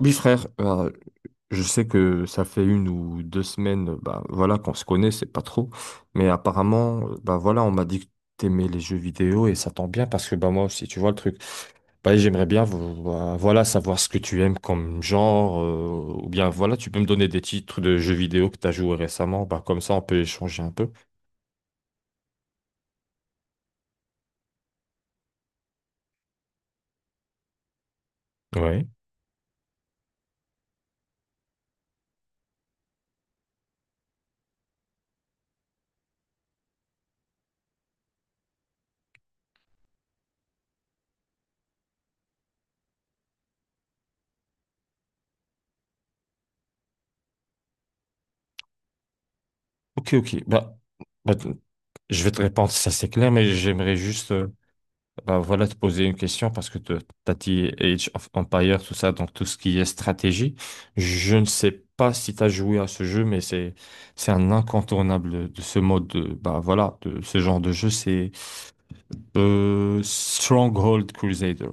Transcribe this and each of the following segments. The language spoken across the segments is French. Oui, frère, je sais que ça fait une ou 2 semaines, bah, voilà, qu'on se connaît, c'est pas trop. Mais apparemment, bah, voilà, on m'a dit que t'aimais les jeux vidéo et ça tombe bien parce que bah, moi aussi, tu vois le truc. Bah, j'aimerais bien voilà, savoir ce que tu aimes comme genre, ou bien voilà, tu peux me donner des titres de jeux vidéo que tu as joué récemment, bah, comme ça on peut échanger un peu. Ouais. Ok, ok. Bah, t- je vais te répondre, si ça c'est clair, mais j'aimerais juste, bah voilà, te poser une question parce que tu as dit Age of Empire, tout ça, donc tout ce qui est stratégie. Je ne sais pas si tu as joué à ce jeu, mais c'est un incontournable de ce mode de, bah voilà, de ce genre de jeu, c'est Stronghold Crusader.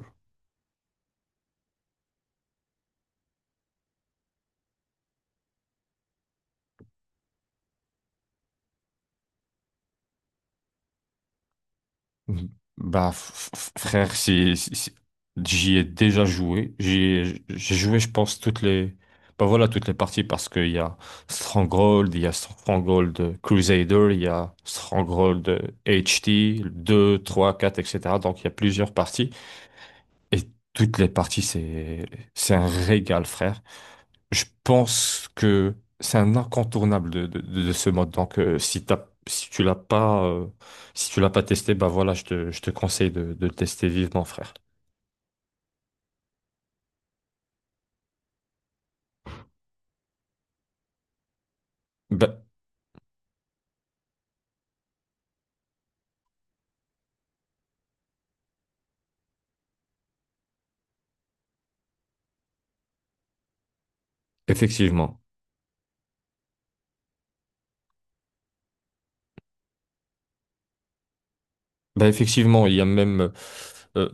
Bah, frère, j'y ai déjà joué. J'ai joué, je pense, toutes les, bah voilà, toutes les parties parce qu'il y a Stronghold, il y a Stronghold Crusader, il y a Stronghold HT, 2, 3, 4, etc. Donc, il y a plusieurs parties. Et toutes les parties, c'est un régal, frère. Je pense que c'est un incontournable de ce mode. Donc, si tu l'as pas testé, bah voilà, je te conseille de le tester vivement, frère. Bah, effectivement. Bah, effectivement, il y a même euh,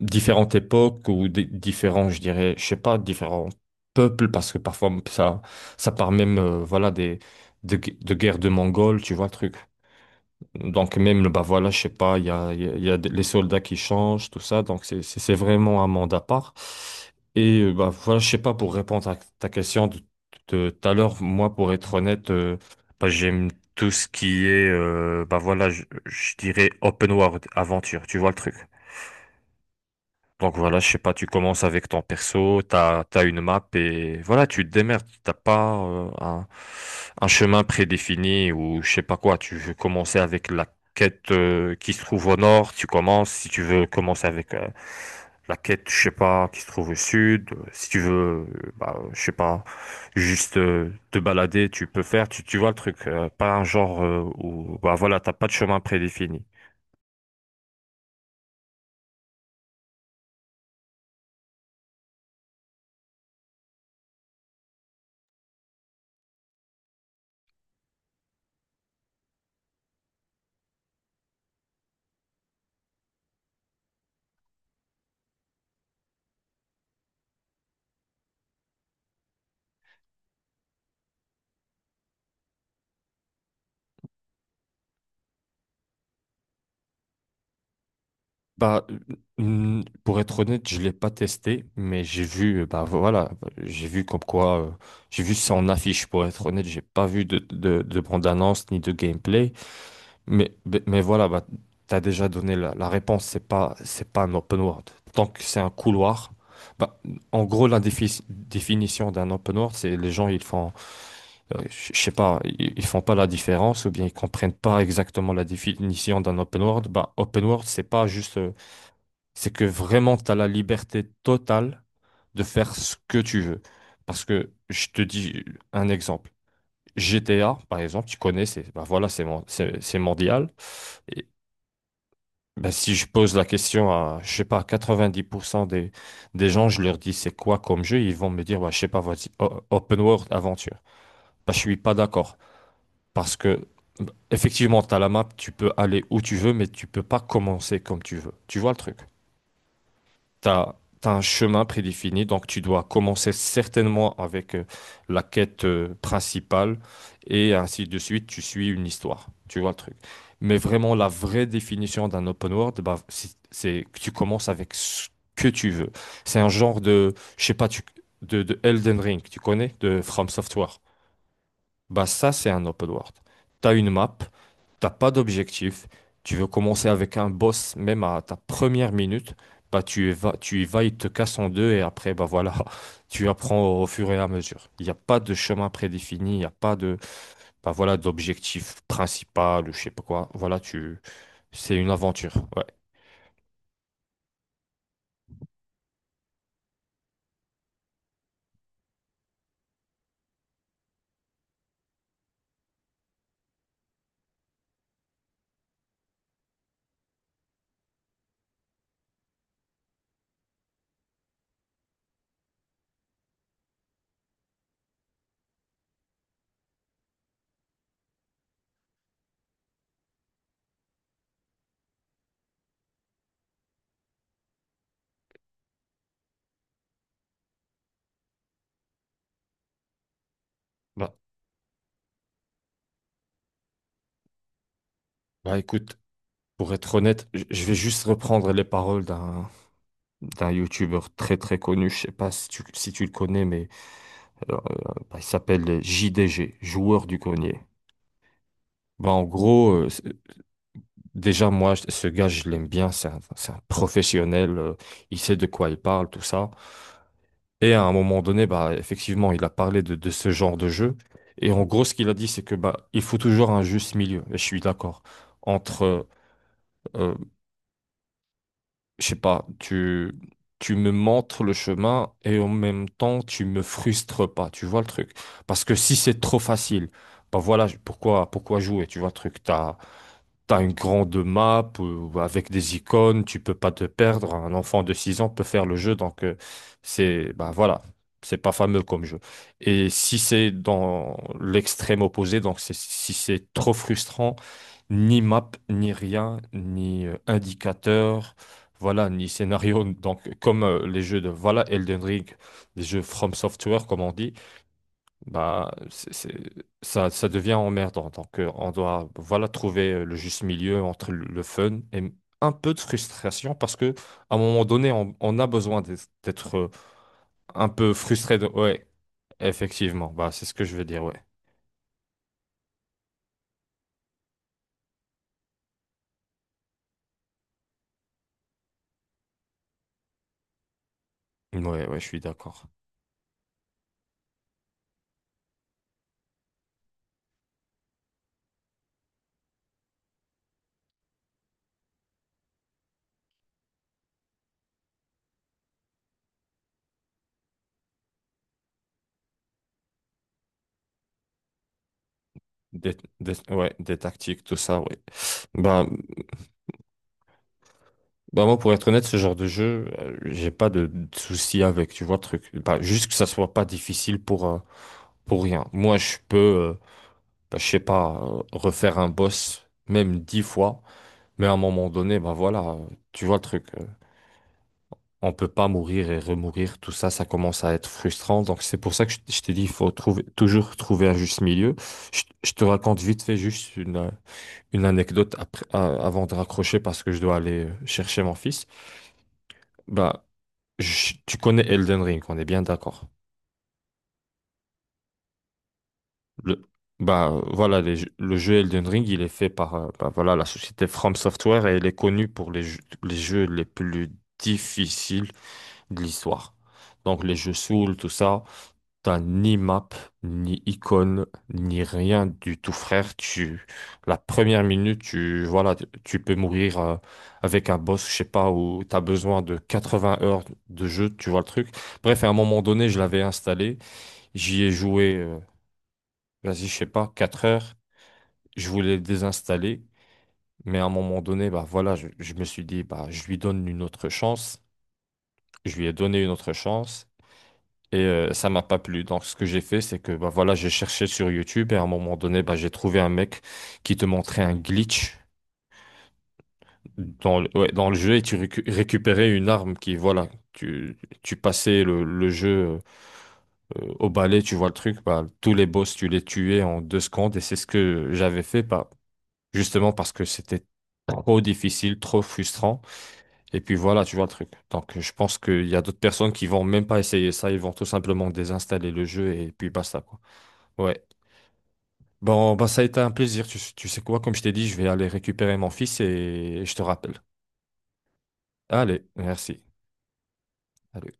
différentes époques ou différents, je dirais, je sais pas, différents peuples, parce que parfois ça part même, voilà, de guerres de Mongols, tu vois, le truc. Donc même, bah voilà, je sais pas, il y a les soldats qui changent, tout ça. Donc c'est vraiment un monde à part. Et bah voilà, je sais pas, pour répondre à ta question de tout à l'heure, moi, pour être honnête, bah, j'aime tout ce qui est, bah voilà, je dirais open world, aventure, tu vois le truc. Donc voilà, je sais pas, tu commences avec ton perso, t'as une map et voilà, tu te démerdes. T'as pas un chemin prédéfini ou je sais pas quoi. Tu veux commencer avec la quête qui se trouve au nord, tu commences. Si tu veux commencer avec la quête, je sais pas, qui se trouve au sud. Si tu veux, bah, je sais pas, juste te balader, tu peux faire. Tu vois le truc, pas un genre où bah voilà, t'as pas de chemin prédéfini. Bah, pour être honnête, je l'ai pas testé, mais j'ai vu, bah voilà, j'ai vu comme quoi, j'ai vu ça en affiche. Pour être honnête, j'ai pas vu de bande-annonce ni de gameplay, mais, voilà, bah, t'as déjà donné la réponse. C'est pas un open world. Tant que c'est un couloir, bah, en gros, la définition d'un open world, c'est les gens, ils font, je sais pas, ils font pas la différence ou bien ils comprennent pas exactement la définition d'un open world. Bah, open world, c'est pas juste c'est que vraiment, tu as la liberté totale de faire ce que tu veux. Parce que je te dis un exemple. GTA, par exemple, tu connais, c'est bah voilà, c'est mondial. Et bah, si je pose la question à, je sais pas, 90% des gens, je leur dis c'est quoi comme jeu, ils vont me dire, bah, je sais pas, vas-y, open world, aventure. Bah, je suis pas d'accord. Parce que, bah, effectivement, tu as la map, tu peux aller où tu veux, mais tu peux pas commencer comme tu veux. Tu vois le truc? T'as, t'as un chemin prédéfini, donc tu dois commencer certainement avec la quête principale et ainsi de suite, tu suis une histoire. Tu vois le truc. Mais vraiment, la vraie définition d'un open world, bah, c'est que tu commences avec ce que tu veux. C'est un genre de, je sais pas, de Elden Ring, tu connais, de From Software. Bah ça, c'est un open world. T'as une map, t'as pas d'objectif, tu veux commencer avec un boss même à ta première minute, bah tu y vas, il te casse en deux et après, bah voilà, tu apprends au fur et à mesure. Il n'y a pas de chemin prédéfini, il n'y a pas de, bah voilà, d'objectif principal ou je sais pas quoi. Voilà, c'est une aventure. Ouais. Bah, bah écoute, pour être honnête, je vais juste reprendre les paroles d'un YouTuber très très connu, je sais pas si tu le connais, mais Euh, bah, il s'appelle JDG, joueur du grenier. Bah, en gros, déjà, moi, ce gars, je l'aime bien. C'est un professionnel. Il sait de quoi il parle, tout ça. Et à un moment donné, bah, effectivement, il a parlé de ce genre de jeu. Et en gros, ce qu'il a dit, c'est que bah, il faut toujours un juste milieu. Et je suis d'accord. Entre euh, je sais pas, tu me montres le chemin et en même temps, tu me frustres pas, tu vois le truc. Parce que si c'est trop facile, bah voilà, pourquoi jouer, tu vois le truc. T'as une grande map avec des icônes, tu peux pas te perdre. Un enfant de 6 ans peut faire le jeu, donc c'est bah voilà, c'est pas fameux comme jeu. Et si c'est dans l'extrême opposé, donc si c'est trop frustrant, ni map, ni rien, ni indicateur, voilà, ni scénario. Donc comme les jeux de voilà Elden Ring, les jeux From Software comme on dit, bah, ça devient emmerdant. Donc, on doit voilà, trouver le juste milieu entre le fun et un peu de frustration parce que à un moment donné, on a besoin d'être, un peu frustré. Ouais, effectivement. Bah, c'est ce que je veux dire. Ouais, ouais, ouais, je suis d'accord. Ouais, des tactiques, tout ça. Ouais. Bah, bah, moi, pour être honnête, ce genre de jeu, j'ai pas de soucis avec, tu vois, le truc. Bah, juste que ça soit pas difficile pour, rien. Moi, je peux, bah, je sais pas, refaire un boss, même 10 fois, mais à un moment donné, bah voilà, tu vois le truc. On peut pas mourir et remourir, tout ça, ça commence à être frustrant. Donc c'est pour ça que je t'ai dit, il faut trouver, toujours trouver un juste milieu. Je te raconte vite fait juste une anecdote après, avant de raccrocher parce que je dois aller chercher mon fils. Bah, tu connais Elden Ring, on est bien d'accord. Le, bah, voilà, les jeux- le jeu Elden Ring, il est fait par bah, voilà, la société From Software et elle est connue pour les jeux les plus difficiles de l'histoire. Donc les jeux Souls, tout ça, t'as ni map, ni icône, ni rien du tout, frère. La première minute, tu, voilà, tu tu peux mourir avec un boss, je sais pas, où t'as besoin de 80 heures de jeu, tu vois le truc. Bref, à un moment donné, je l'avais installé, j'y ai joué, vas-y, je sais pas, 4 heures je voulais le désinstaller, mais à un moment donné, bah voilà, je me suis dit, bah je lui donne une autre chance. Je lui ai donné une autre chance et ça m'a pas plu. Donc ce que j'ai fait, c'est que bah voilà, j'ai cherché sur YouTube et à un moment donné, bah j'ai trouvé un mec qui te montrait un glitch dans le jeu et tu récupérais une arme qui, voilà, tu passais le jeu au balai, tu vois le truc, bah tous les boss, tu les tuais en 2 secondes et c'est ce que j'avais fait. Bah, justement parce que c'était trop difficile, trop frustrant. Et puis voilà, tu vois le truc. Donc je pense qu'il y a d'autres personnes qui vont même pas essayer ça, ils vont tout simplement désinstaller le jeu et puis basta, quoi. Ouais. Bon, bah ça a été un plaisir. Tu sais quoi, comme je t'ai dit, je vais aller récupérer mon fils et je te rappelle. Allez, merci. Allez.